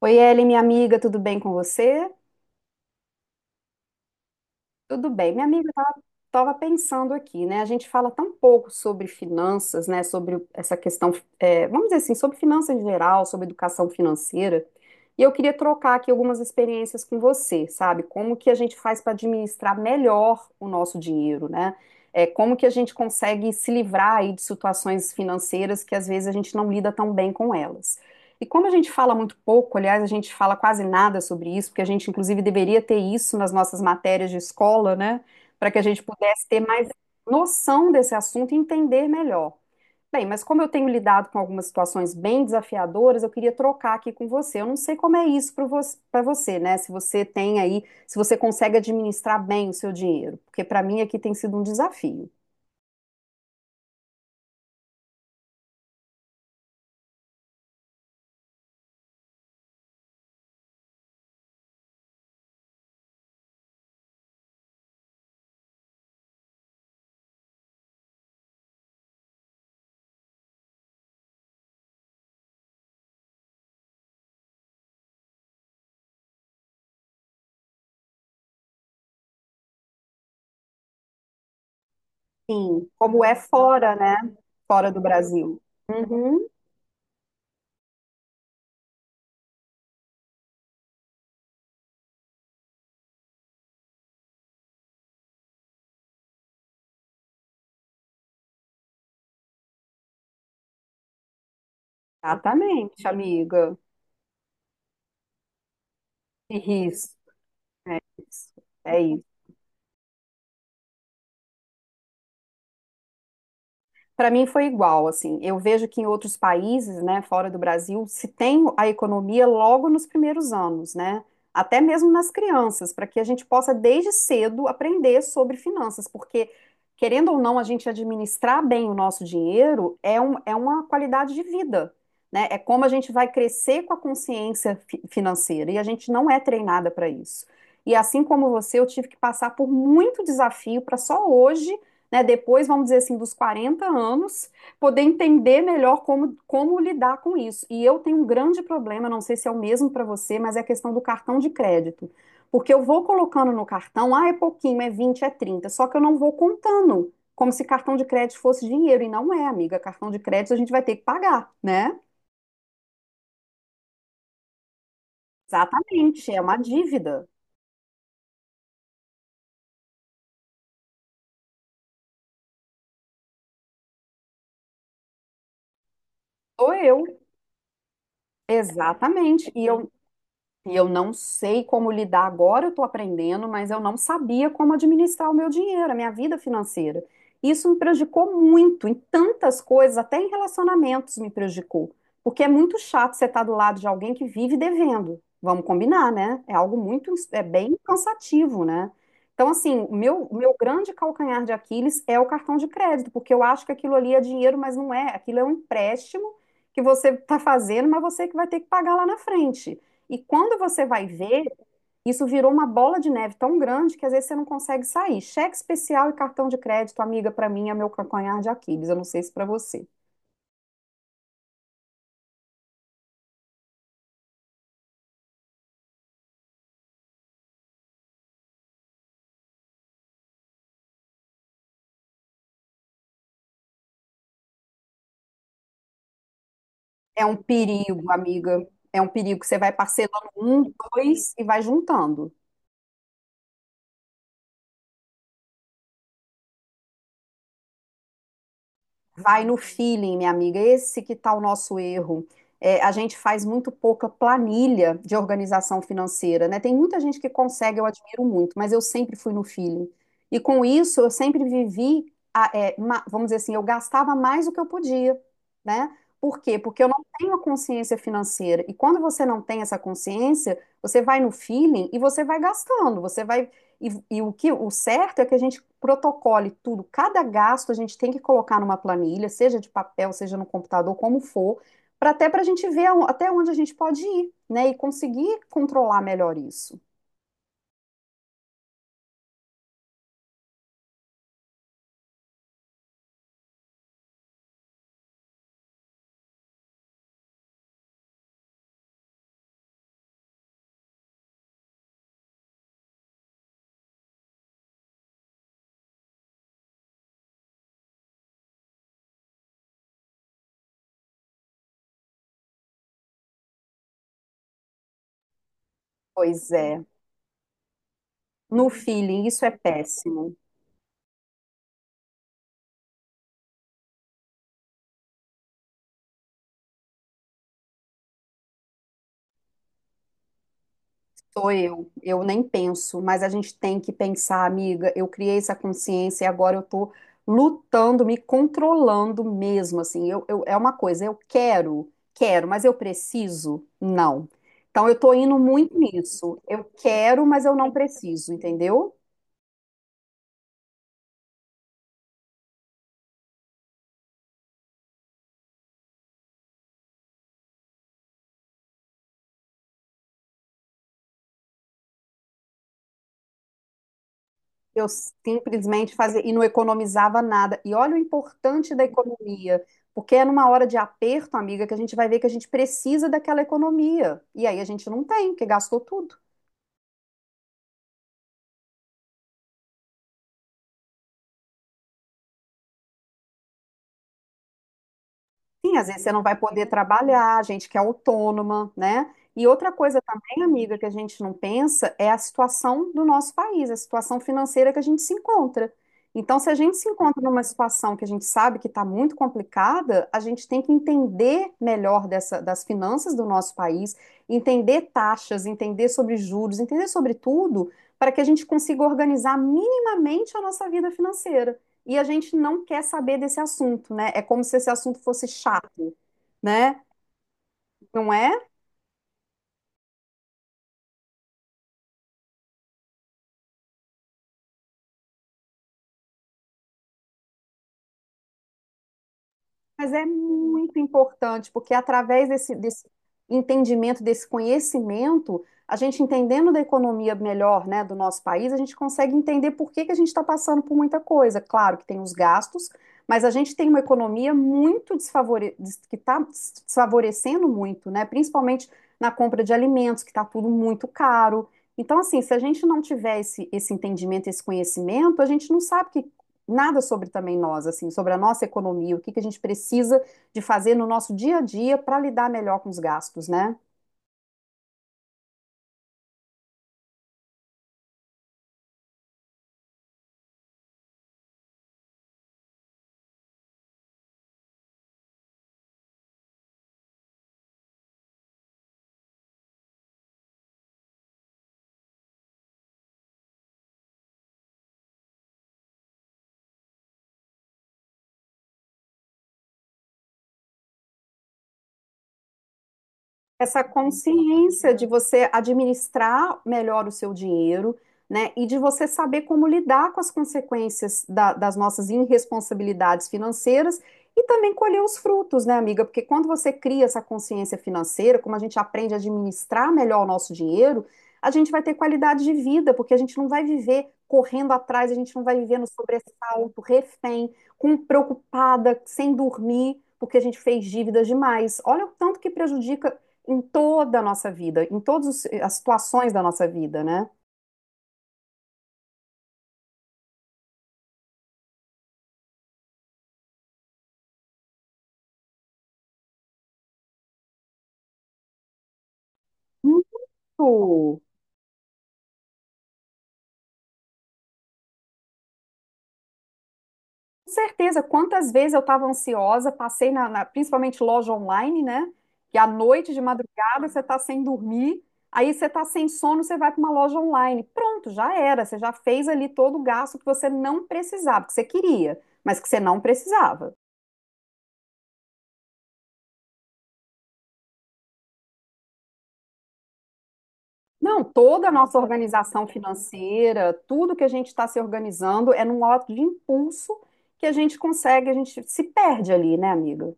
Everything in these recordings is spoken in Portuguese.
Oi, Ellen, minha amiga, tudo bem com você? Tudo bem. Minha amiga, eu estava pensando aqui, né? A gente fala tão pouco sobre finanças, né? Sobre essa questão, é, vamos dizer assim, sobre finanças em geral, sobre educação financeira. E eu queria trocar aqui algumas experiências com você, sabe? Como que a gente faz para administrar melhor o nosso dinheiro, né? É, como que a gente consegue se livrar aí de situações financeiras que às vezes a gente não lida tão bem com elas. E como a gente fala muito pouco, aliás, a gente fala quase nada sobre isso, porque a gente inclusive deveria ter isso nas nossas matérias de escola, né? Para que a gente pudesse ter mais noção desse assunto e entender melhor. Bem, mas como eu tenho lidado com algumas situações bem desafiadoras, eu queria trocar aqui com você. Eu não sei como é isso para você, pra você, né? Se você tem aí, se você consegue administrar bem o seu dinheiro, porque para mim aqui tem sido um desafio. Sim, como é fora, né? Fora do Brasil. Uhum, exatamente, amiga. Isso, é isso. É. Para mim foi igual, assim. Eu vejo que em outros países, né, fora do Brasil, se tem a economia logo nos primeiros anos, né? Até mesmo nas crianças, para que a gente possa desde cedo aprender sobre finanças, porque querendo ou não, a gente administrar bem o nosso dinheiro é um, é uma qualidade de vida, né? É como a gente vai crescer com a consciência financeira e a gente não é treinada para isso. E assim como você, eu tive que passar por muito desafio para só hoje, né, depois, vamos dizer assim, dos 40 anos, poder entender melhor como, como lidar com isso. E eu tenho um grande problema, não sei se é o mesmo para você, mas é a questão do cartão de crédito. Porque eu vou colocando no cartão, ah, é pouquinho, é 20, é 30, só que eu não vou contando, como se cartão de crédito fosse dinheiro, e não é, amiga. Cartão de crédito a gente vai ter que pagar, né? Exatamente, é uma dívida. Sou eu. Exatamente. E eu... E eu não sei como lidar agora, eu estou aprendendo, mas eu não sabia como administrar o meu dinheiro, a minha vida financeira. Isso me prejudicou muito, em tantas coisas, até em relacionamentos me prejudicou. Porque é muito chato você estar do lado de alguém que vive devendo. Vamos combinar, né? É algo muito, é bem cansativo, né? Então, assim, o meu grande calcanhar de Aquiles é o cartão de crédito, porque eu acho que aquilo ali é dinheiro, mas não é. Aquilo é um empréstimo que você está fazendo, mas você que vai ter que pagar lá na frente. E quando você vai ver, isso virou uma bola de neve tão grande que às vezes você não consegue sair. Cheque especial e cartão de crédito, amiga, para mim é meu calcanhar de Aquiles. Eu não sei se para você. É um perigo, amiga. É um perigo que você vai parcelando um, dois e vai juntando. Vai no feeling, minha amiga. Esse que tá o nosso erro. É, a gente faz muito pouca planilha de organização financeira, né? Tem muita gente que consegue, eu admiro muito, mas eu sempre fui no feeling. E com isso, eu sempre vivi, vamos dizer assim, eu gastava mais do que eu podia, né? Por quê? Porque eu não tenho a consciência financeira. E quando você não tem essa consciência, você vai no feeling e você vai gastando, você vai e, e o que o certo é que a gente protocole tudo, cada gasto a gente tem que colocar numa planilha, seja de papel, seja no computador, como for, para, até para a gente ver até onde a gente pode ir, né? E conseguir controlar melhor isso. Pois é, no feeling, isso é péssimo. Sou eu nem penso, mas a gente tem que pensar, amiga. Eu criei essa consciência e agora eu tô lutando, me controlando mesmo. Assim, é uma coisa, eu quero, quero, mas eu preciso? Não. Então, eu tô indo muito nisso. Eu quero, mas eu não preciso, entendeu? Eu simplesmente fazia e não economizava nada. E olha o importante da economia, porque é numa hora de aperto, amiga, que a gente vai ver que a gente precisa daquela economia. E aí a gente não tem, porque gastou tudo. Sim, às vezes você não vai poder trabalhar, gente que é autônoma, né? E outra coisa também, amiga, que a gente não pensa é a situação do nosso país, a situação financeira que a gente se encontra. Então, se a gente se encontra numa situação que a gente sabe que está muito complicada, a gente tem que entender melhor das finanças do nosso país, entender taxas, entender sobre juros, entender sobre tudo, para que a gente consiga organizar minimamente a nossa vida financeira e a gente não quer saber desse assunto, né? É como se esse assunto fosse chato, né? Não é? Mas é muito importante, porque através desse entendimento, desse conhecimento, a gente entendendo da economia melhor, né, do nosso país, a gente consegue entender por que que a gente está passando por muita coisa. Claro que tem os gastos, mas a gente tem uma economia muito desfavore... que está desfavorecendo muito, né, principalmente na compra de alimentos, que está tudo muito caro. Então, assim, se a gente não tiver esse entendimento, esse conhecimento, a gente não sabe o que, nada sobre também nós, assim, sobre a nossa economia, o que que a gente precisa de fazer no nosso dia a dia para lidar melhor com os gastos, né? Essa consciência de você administrar melhor o seu dinheiro, né, e de você saber como lidar com as consequências das nossas irresponsabilidades financeiras e também colher os frutos, né, amiga? Porque quando você cria essa consciência financeira, como a gente aprende a administrar melhor o nosso dinheiro, a gente vai ter qualidade de vida, porque a gente não vai viver correndo atrás, a gente não vai viver no sobressalto, refém, com preocupada, sem dormir, porque a gente fez dívidas demais. Olha o tanto que prejudica em toda a nossa vida, em todas as situações da nossa vida, né? Muito. Com certeza, quantas vezes eu estava ansiosa, passei principalmente loja online, né? Que à noite, de madrugada, você está sem dormir, aí você está sem sono, você vai para uma loja online. Pronto, já era, você já fez ali todo o gasto que você não precisava, que você queria, mas que você não precisava. Não, toda a nossa organização financeira, tudo que a gente está se organizando é num ato de impulso que a gente consegue, a gente se perde ali, né, amiga?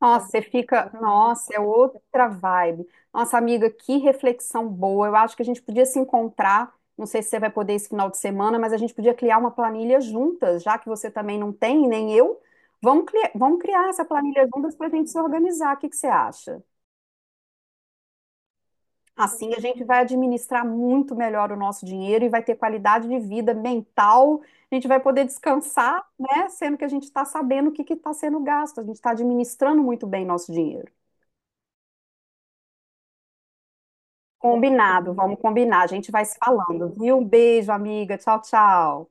Nossa, você fica, nossa, é outra vibe. Nossa, amiga, que reflexão boa. Eu acho que a gente podia se encontrar, não sei se você vai poder esse final de semana, mas a gente podia criar uma planilha juntas, já que você também não tem, nem eu. Vamos criar essa planilha juntas para a gente se organizar. O que que você acha? Assim a gente vai administrar muito melhor o nosso dinheiro e vai ter qualidade de vida mental. A gente vai poder descansar, né? Sendo que a gente está sabendo o que que está sendo gasto. A gente está administrando muito bem nosso dinheiro. Combinado, vamos combinar. A gente vai se falando, viu? Um beijo, amiga. Tchau, tchau.